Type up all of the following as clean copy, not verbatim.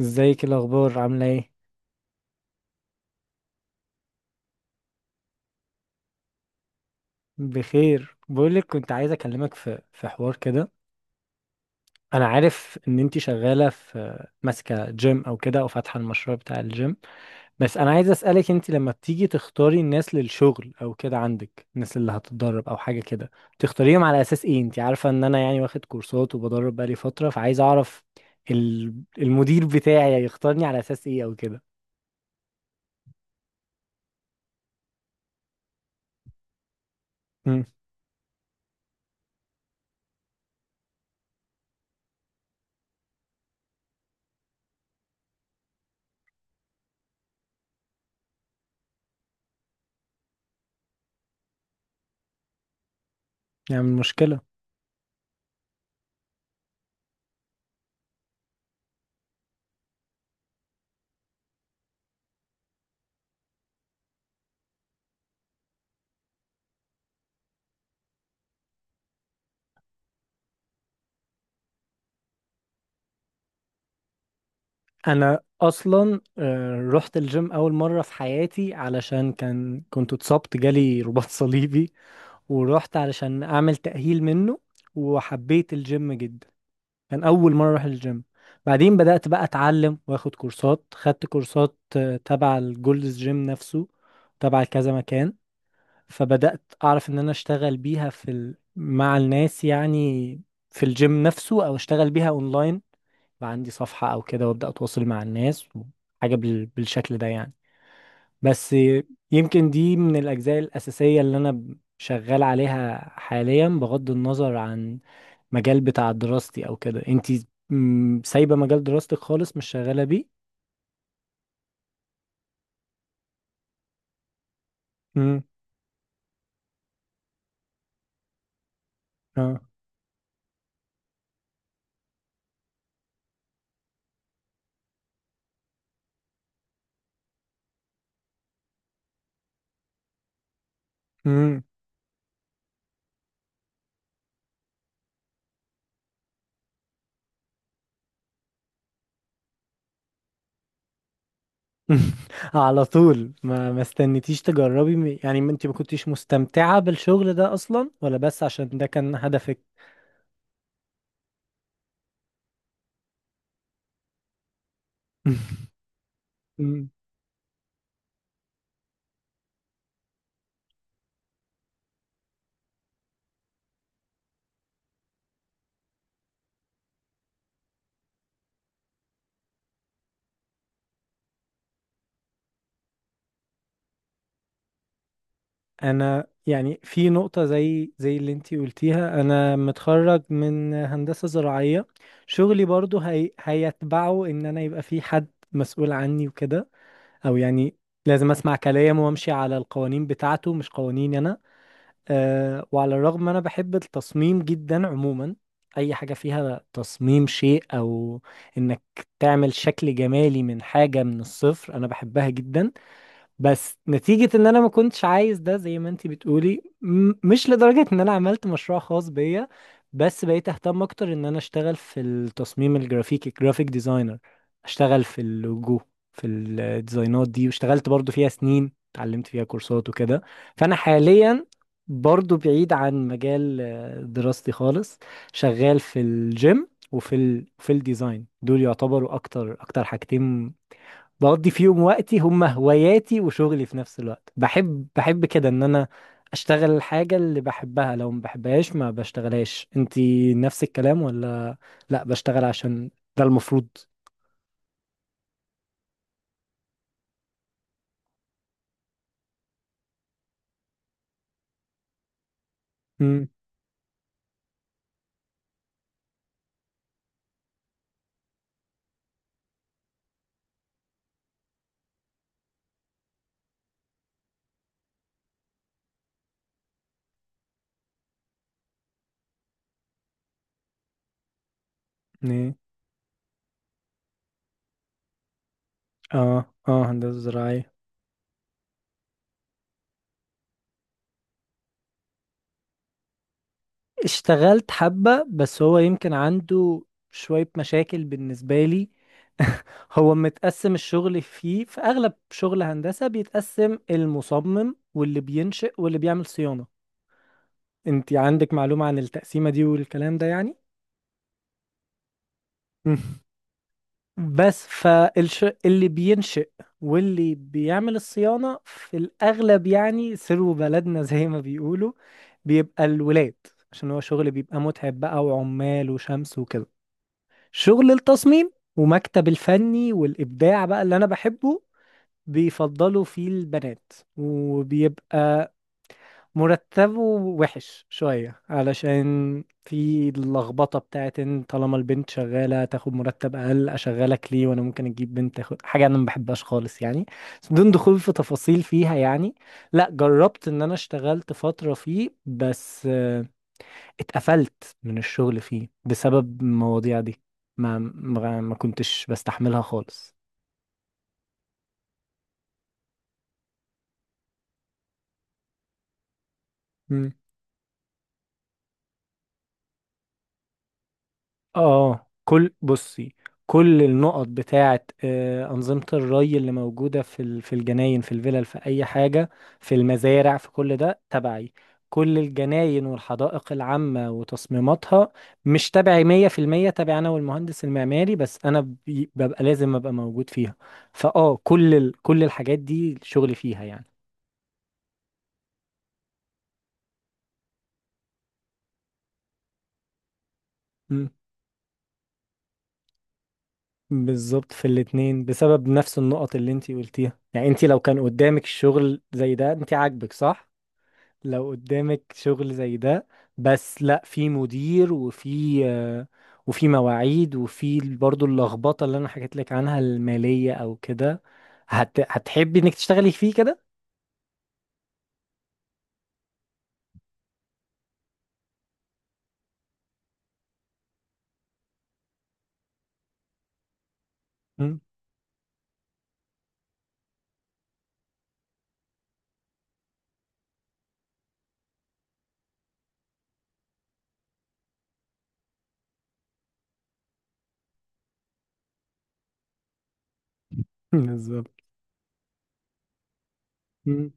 ازيك؟ إيه الاخبار؟ عامله ايه؟ بخير. بقولك كنت عايز اكلمك في حوار كده. انا عارف ان انتي شغاله في ماسكه جيم او كده، او فاتحه المشروع بتاع الجيم. بس انا عايز اسالك، انتي لما بتيجي تختاري الناس للشغل او كده، عندك الناس اللي هتتدرب او حاجه كده، تختاريهم على اساس ايه؟ انتي عارفه ان انا يعني واخد كورسات وبدرب بقالي فتره، فعايز اعرف المدير بتاعي يختارني على اساس ايه او كده. امم، يعني مشكله. انا اصلا رحت الجيم اول مره في حياتي علشان كنت اتصبت، جالي رباط صليبي، ورحت علشان اعمل تاهيل منه. وحبيت الجيم جدا، كان اول مره اروح الجيم. بعدين بدات بقى اتعلم واخد كورسات، خدت كورسات تبع الجولدز جيم نفسه، تبع كذا مكان. فبدات اعرف ان انا اشتغل بيها مع الناس يعني، في الجيم نفسه او اشتغل بيها اونلاين، بقى عندي صفحة أو كده وأبدأ أتواصل مع الناس، حاجة بالشكل ده يعني. بس يمكن دي من الأجزاء الأساسية اللي أنا شغال عليها حاليا، بغض النظر عن مجال بتاع دراستي أو كده. أنتي سايبة مجال دراستك خالص، مش شغالة بيه؟ مم. اه. مم. على طول؟ ما استنيتيش تجربي يعني ما انت ما كنتيش مستمتعة بالشغل ده اصلا، ولا بس عشان ده كان هدفك؟ انا يعني في نقطة زي اللي انتي قلتيها. انا متخرج من هندسة زراعية، شغلي برضو هي هيتبعه ان انا يبقى في حد مسؤول عني وكده، او يعني لازم اسمع كلامه وامشي على القوانين بتاعته مش قوانيني انا. أه، وعلى الرغم انا بحب التصميم جدا عموما، اي حاجة فيها تصميم شيء او انك تعمل شكل جمالي من حاجة من الصفر انا بحبها جدا. بس نتيجة ان انا ما كنتش عايز ده، زي ما انتي بتقولي، مش لدرجة ان انا عملت مشروع خاص بيا، بس بقيت اهتم اكتر ان انا اشتغل في التصميم الجرافيكي، جرافيك ديزاينر، اشتغل في اللوجو، في الديزاينات دي، واشتغلت برضو فيها سنين، اتعلمت فيها كورسات وكده. فانا حاليا برضو بعيد عن مجال دراستي خالص. شغال في الجيم في الديزاين، دول يعتبروا اكتر حاجتين بقضي فيهم وقتي، هم هواياتي وشغلي في نفس الوقت. بحب كده ان انا اشتغل الحاجة اللي بحبها، لو ما بحبهاش ما بشتغلهاش. انتي نفس الكلام ولا لا، بشتغل عشان ده المفروض؟ امم. ايه. اه اه، هندسة زراعية. اشتغلت حبة، بس هو يمكن عنده شوية مشاكل بالنسبة لي. هو متقسم الشغل فيه، في أغلب شغل هندسة بيتقسم المصمم واللي بينشئ واللي بيعمل صيانة. انت عندك معلومة عن التقسيمة دي والكلام ده يعني؟ مم. بس فالش اللي بينشئ واللي بيعمل الصيانة في الأغلب يعني، سروا بلدنا زي ما بيقولوا، بيبقى الولاد، عشان هو شغل بيبقى متعب بقى وعمال وشمس وكده. شغل التصميم ومكتب الفني والإبداع بقى اللي أنا بحبه، بيفضلوا فيه البنات، وبيبقى مرتبه وحش شوية علشان في اللخبطة بتاعت ان طالما البنت شغالة تاخد مرتب أقل أشغلك ليه، وأنا ممكن أجيب بنت تاخد حاجة أنا ما بحبهاش خالص يعني. بس بدون دخول في تفاصيل فيها يعني، لا جربت إن أنا اشتغلت فترة فيه، بس اتقفلت من الشغل فيه بسبب المواضيع دي، ما كنتش بستحملها خالص. اه. كل، بصي، كل النقط بتاعة أنظمة الري اللي موجودة في الجناين، في الفلل، في أي حاجة، في المزارع، في كل ده تبعي. كل الجناين والحدائق العامة وتصميماتها مش تبعي مية في المية، تبعي أنا والمهندس المعماري، بس أنا ببقى لازم أبقى موجود فيها. فأه كل الحاجات دي شغلي فيها يعني. مم. بالظبط في الاتنين، بسبب نفس النقط اللي انتي قلتيها. يعني انتي لو كان قدامك الشغل زي ده انتي عاجبك، صح؟ لو قدامك شغل زي ده بس لا، في مدير، وفي مواعيد، وفي برضو اللخبطة اللي انا حكيت لك عنها المالية او كده، هتحبي انك تشتغلي فيه كده؟ مم. بالظبط. مم.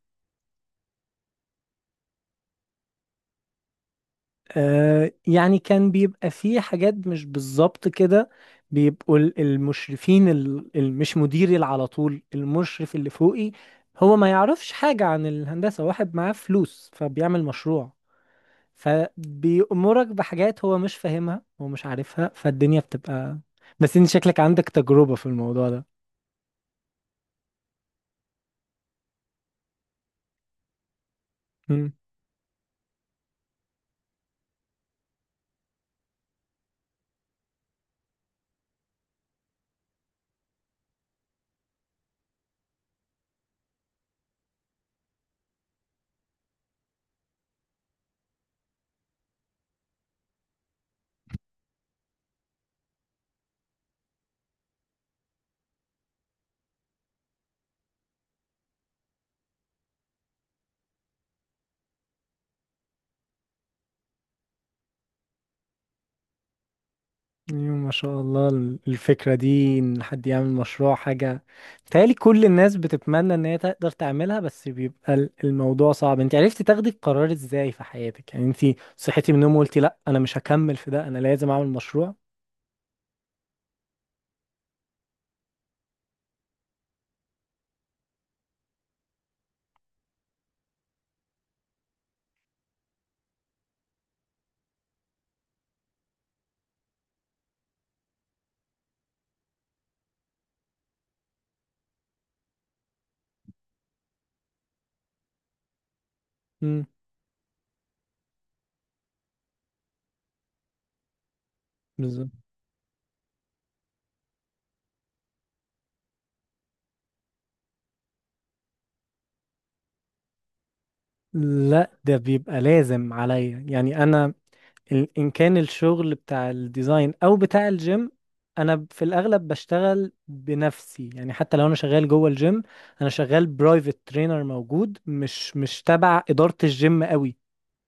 آه يعني كان بيبقى فيه حاجات مش بالظبط كده. بيبقوا المشرفين اللي مش مديري، اللي على طول المشرف اللي فوقي هو ما يعرفش حاجة عن الهندسة، واحد معاه فلوس فبيعمل مشروع، فبيأمرك بحاجات هو مش فاهمها ومش عارفها، فالدنيا بتبقى. بس انت شكلك عندك تجربة في الموضوع ده. مم. ايوه، ما شاء الله. الفكرة دي ان حد يعمل مشروع حاجة بتهيألي كل الناس بتتمنى ان هي تقدر تعملها، بس بيبقى الموضوع صعب. انت عرفتي تاخدي القرار ازاي في حياتك؟ يعني انت صحيتي من النوم وقلتي لا انا مش هكمل في ده، انا لازم اعمل مشروع؟ مم. بالظبط. لا ده بيبقى لازم عليا. يعني انا ان كان الشغل بتاع الديزاين او بتاع الجيم، انا في الاغلب بشتغل بنفسي يعني، حتى لو انا شغال جوه الجيم انا شغال برايفت ترينر موجود، مش تبع ادارة الجيم قوي،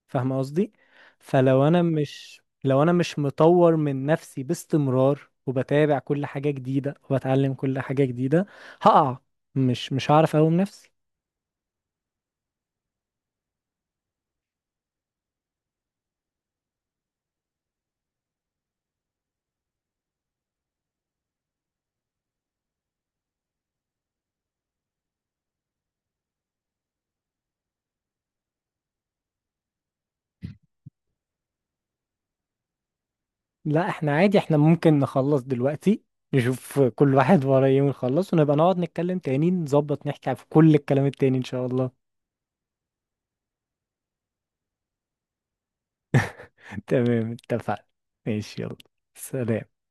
فاهمه قصدي؟ فلو انا مش لو انا مش مطور من نفسي باستمرار، وبتابع كل حاجة جديدة وبتعلم كل حاجة جديدة، هقع، مش هعرف اقوم نفسي. لا احنا عادي، احنا ممكن نخلص دلوقتي، نشوف كل واحد وراه ايه ونخلص، ونبقى نقعد نتكلم تاني نظبط نحكي في كل الكلام التاني ان شاء الله. تمام، اتفقنا. ماشي، يلا، سلام.